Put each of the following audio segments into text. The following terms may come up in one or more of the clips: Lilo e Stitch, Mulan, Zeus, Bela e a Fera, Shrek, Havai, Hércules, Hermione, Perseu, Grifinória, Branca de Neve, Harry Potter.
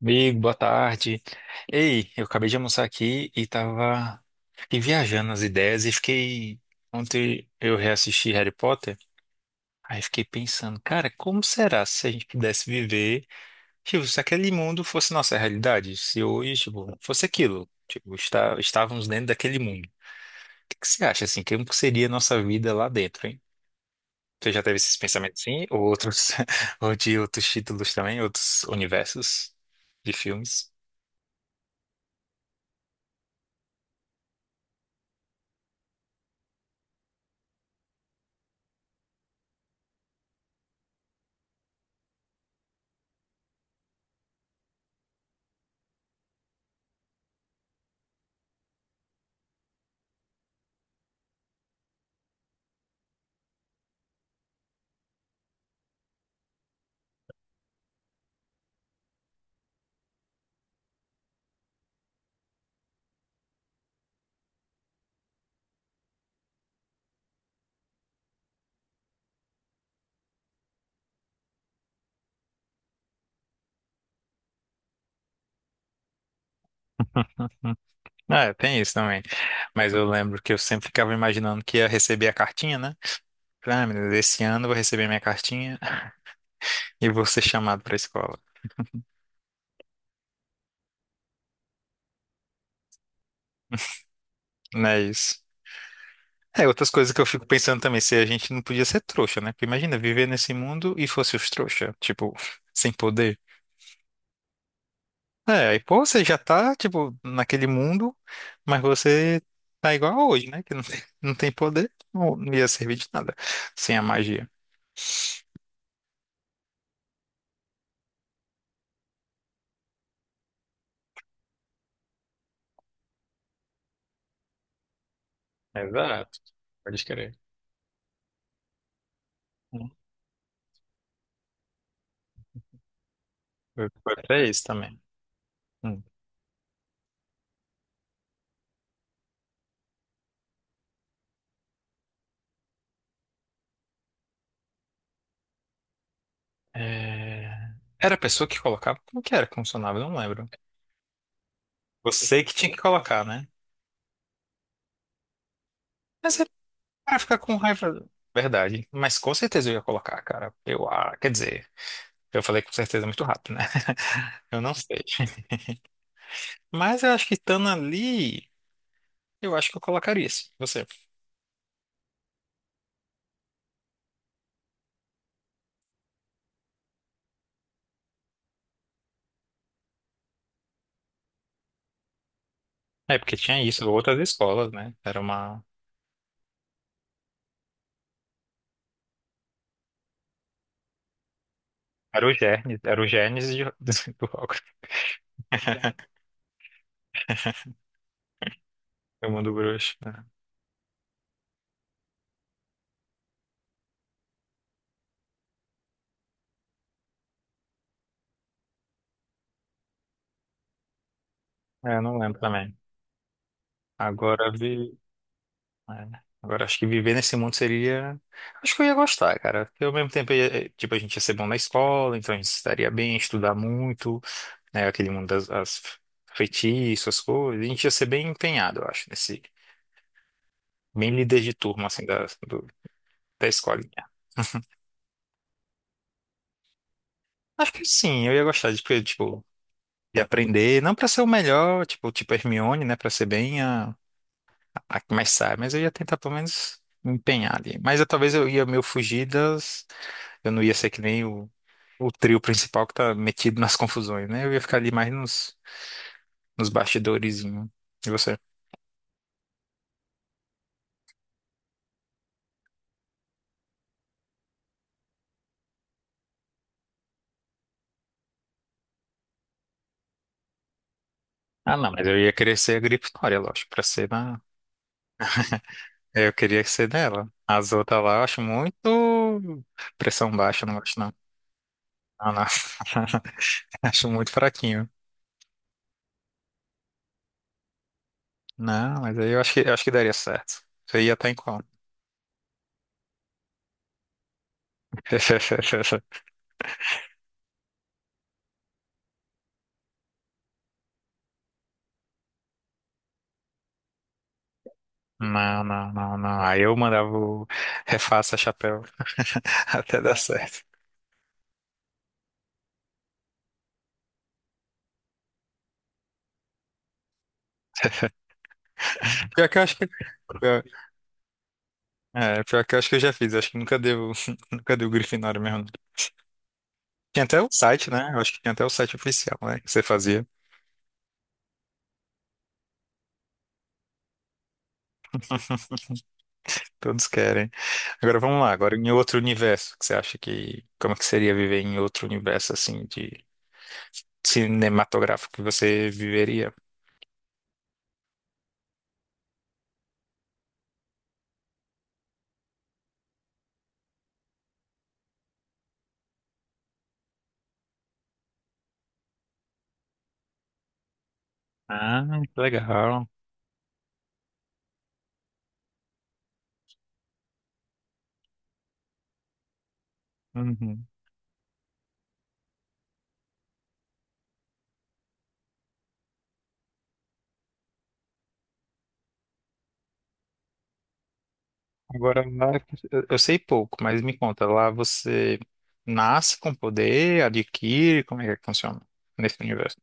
Amigo, boa tarde. Ei, eu acabei de almoçar aqui e tava fiquei viajando nas ideias e fiquei ontem eu reassisti Harry Potter, aí fiquei pensando, cara, como será se a gente pudesse viver, tipo, se aquele mundo fosse nossa realidade, se hoje, tipo, fosse aquilo, tipo, estávamos dentro daquele mundo. O que que você acha assim, como que seria a nossa vida lá dentro, hein? Você já teve esses pensamentos assim, ou outros, ou de outros títulos também, outros universos de filmes? Ah, é, tem isso também. Mas eu lembro que eu sempre ficava imaginando que ia receber a cartinha, né? Ah, meu Deus, esse ano eu vou receber minha cartinha e vou ser chamado pra escola. Não é isso. É, outras coisas que eu fico pensando também, se a gente não podia ser trouxa, né? Porque imagina, viver nesse mundo e fosse os trouxa, tipo, sem poder. É, aí, pô, você já tá, tipo, naquele mundo, mas você tá igual a hoje, né? Que não tem poder, não ia servir de nada sem a magia. Exato. Pode crer. Foi pra isso também. Hum. É, Era a pessoa que colocava? Como que era que funcionava? Eu não lembro. Você que tinha que colocar, né? Mas ele vai ficar com raiva. Verdade. Mas com certeza eu ia colocar, cara. Ah, quer dizer, eu falei com certeza muito rápido, né? Eu não sei. Mas eu acho que estando ali, eu acho que eu colocaria isso. Você. É, porque tinha isso, outras escolas, né? Era uma. Era o Gênesis do rock. Eu mundo bruxo, né? É, eu não lembro também. Agora vi. É. Agora, acho que viver nesse mundo seria. Acho que eu ia gostar, cara. Porque ao mesmo tempo, tipo, a gente ia ser bom na escola, então a gente estaria bem, estudar muito, né? Aquele mundo das as feitiços, as coisas. A gente ia ser bem empenhado, eu acho, nesse. Bem líder de turma, assim, da escolinha. Acho que sim, eu ia gostar de, porque, tipo, de aprender. Não pra ser o melhor, tipo, Hermione, né? Pra ser bem a que mais sabe, mas eu ia tentar pelo menos me empenhar ali. Mas eu, talvez eu ia meio fugir das. Eu não ia ser que nem o trio principal que tá metido nas confusões, né? Eu ia ficar ali mais nos bastidorezinho. E você? Ah, não, mas eu ia querer ser a Grifinória, lógico, pra ser na. É, eu queria ser dela. As outras lá eu acho muito pressão baixa, eu não gosto não. Ah, não. Acho muito fraquinho. Não, mas aí eu acho que daria certo. Você ia estar em qual? Não, não, não, não. Aí eu mandava o refaça chapéu até dar certo. Pior que eu acho que, pior que eu acho que eu já fiz, acho que nunca deu, nunca deu Grifinória mesmo, não. Tinha até o site, né? Eu acho que tinha até o site oficial, né? Que você fazia. Todos querem. Agora vamos lá, agora em outro universo, que você acha que. Como que seria viver em outro universo, assim, de cinematográfico que você viveria? Ah, que legal. Uhum. Agora lá, eu sei pouco, mas me conta, lá você nasce com poder, adquire, como é que funciona nesse universo?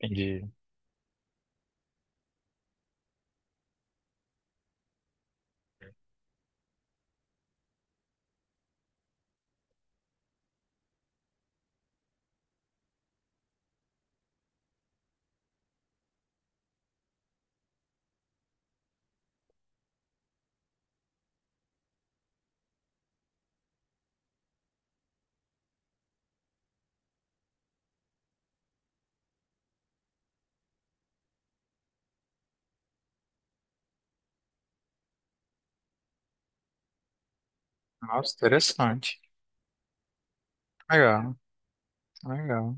Entendi. Nossa, interessante. Legal. Legal.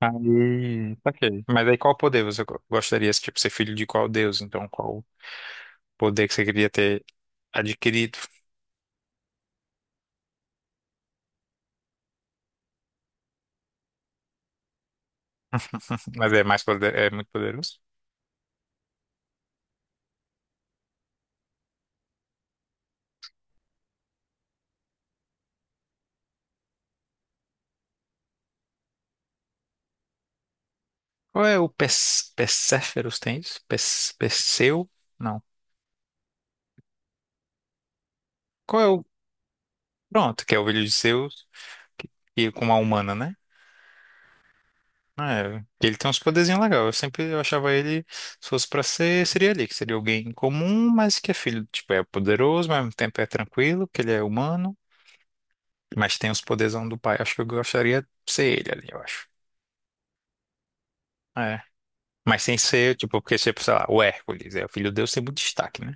Aí, saquei. Mas aí qual poder você gostaria, tipo, ser filho de qual deus? Então, qual poder que você queria ter adquirido? Mas é mais poder, é muito poderoso. Qual é o Perséferos tem isso? Perseu? Não. Qual é o... Pronto, que é o filho de Zeus, que, que com uma humana, né? Ah, é, ele tem uns poderzinhos legais. Eu sempre eu achava ele, se fosse pra ser, seria ali, que seria alguém comum, mas que é filho, tipo, é poderoso, mas ao mesmo tempo é tranquilo, que ele é humano. Mas tem os poderzão do pai. Acho que eu gostaria de ser ele ali, eu acho. É. Mas sem ser, tipo, porque, tipo, sei lá, o Hércules, é o filho de Deus, tem muito destaque, né?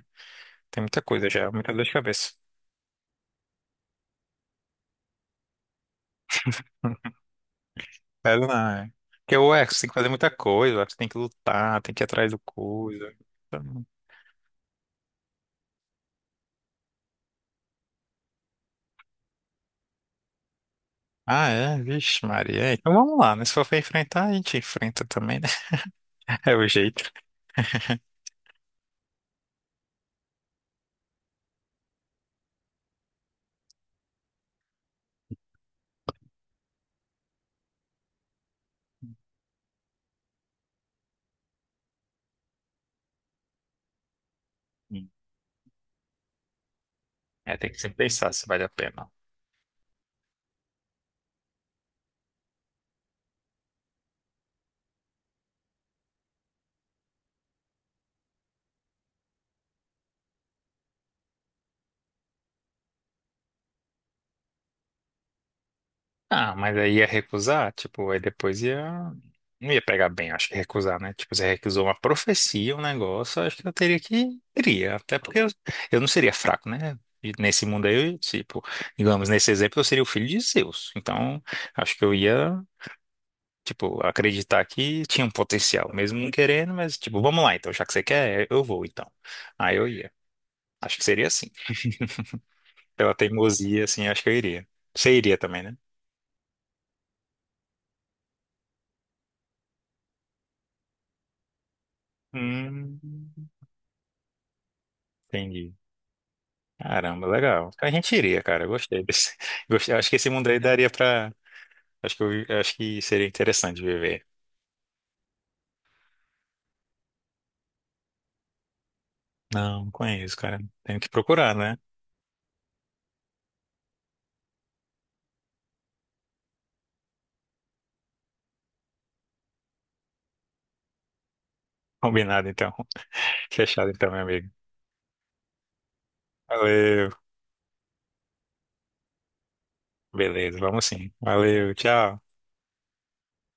Tem muita coisa já, muita dor de cabeça. Hum. É, não é. Porque o Hércules tem que fazer muita coisa, o Hércules tem que lutar, tem que ir atrás do coisa. Então- Ah, é? Vixe, Maria. É, então vamos lá, né? Se for pra enfrentar, a gente enfrenta também, né? É o jeito. Hum. É, tem que sempre pensar se vale a pena. Ah, mas aí ia recusar, tipo, aí depois ia. Não ia pegar bem, acho que recusar, né? Tipo, você recusou uma profecia, um negócio, acho que eu teria que. Iria, até porque eu não seria fraco, né? E nesse mundo aí, eu, tipo, digamos, nesse exemplo, eu seria o filho de Zeus. Então, acho que eu ia, tipo, acreditar que tinha um potencial, mesmo não querendo, mas, tipo, vamos lá, então, já que você quer, eu vou, então. Aí eu ia. Acho que seria assim. Pela teimosia, assim, acho que eu iria. Você iria também, né? Hum, entendi. Caramba, legal. A gente iria, cara. Eu gostei desse. Gostei. Acho que esse mundo aí daria pra. Acho que seria interessante viver. Não, não conheço, cara. Tenho que procurar, né? Combinado, então. Fechado, então, meu amigo. Valeu. Beleza, vamos sim. Valeu, tchau.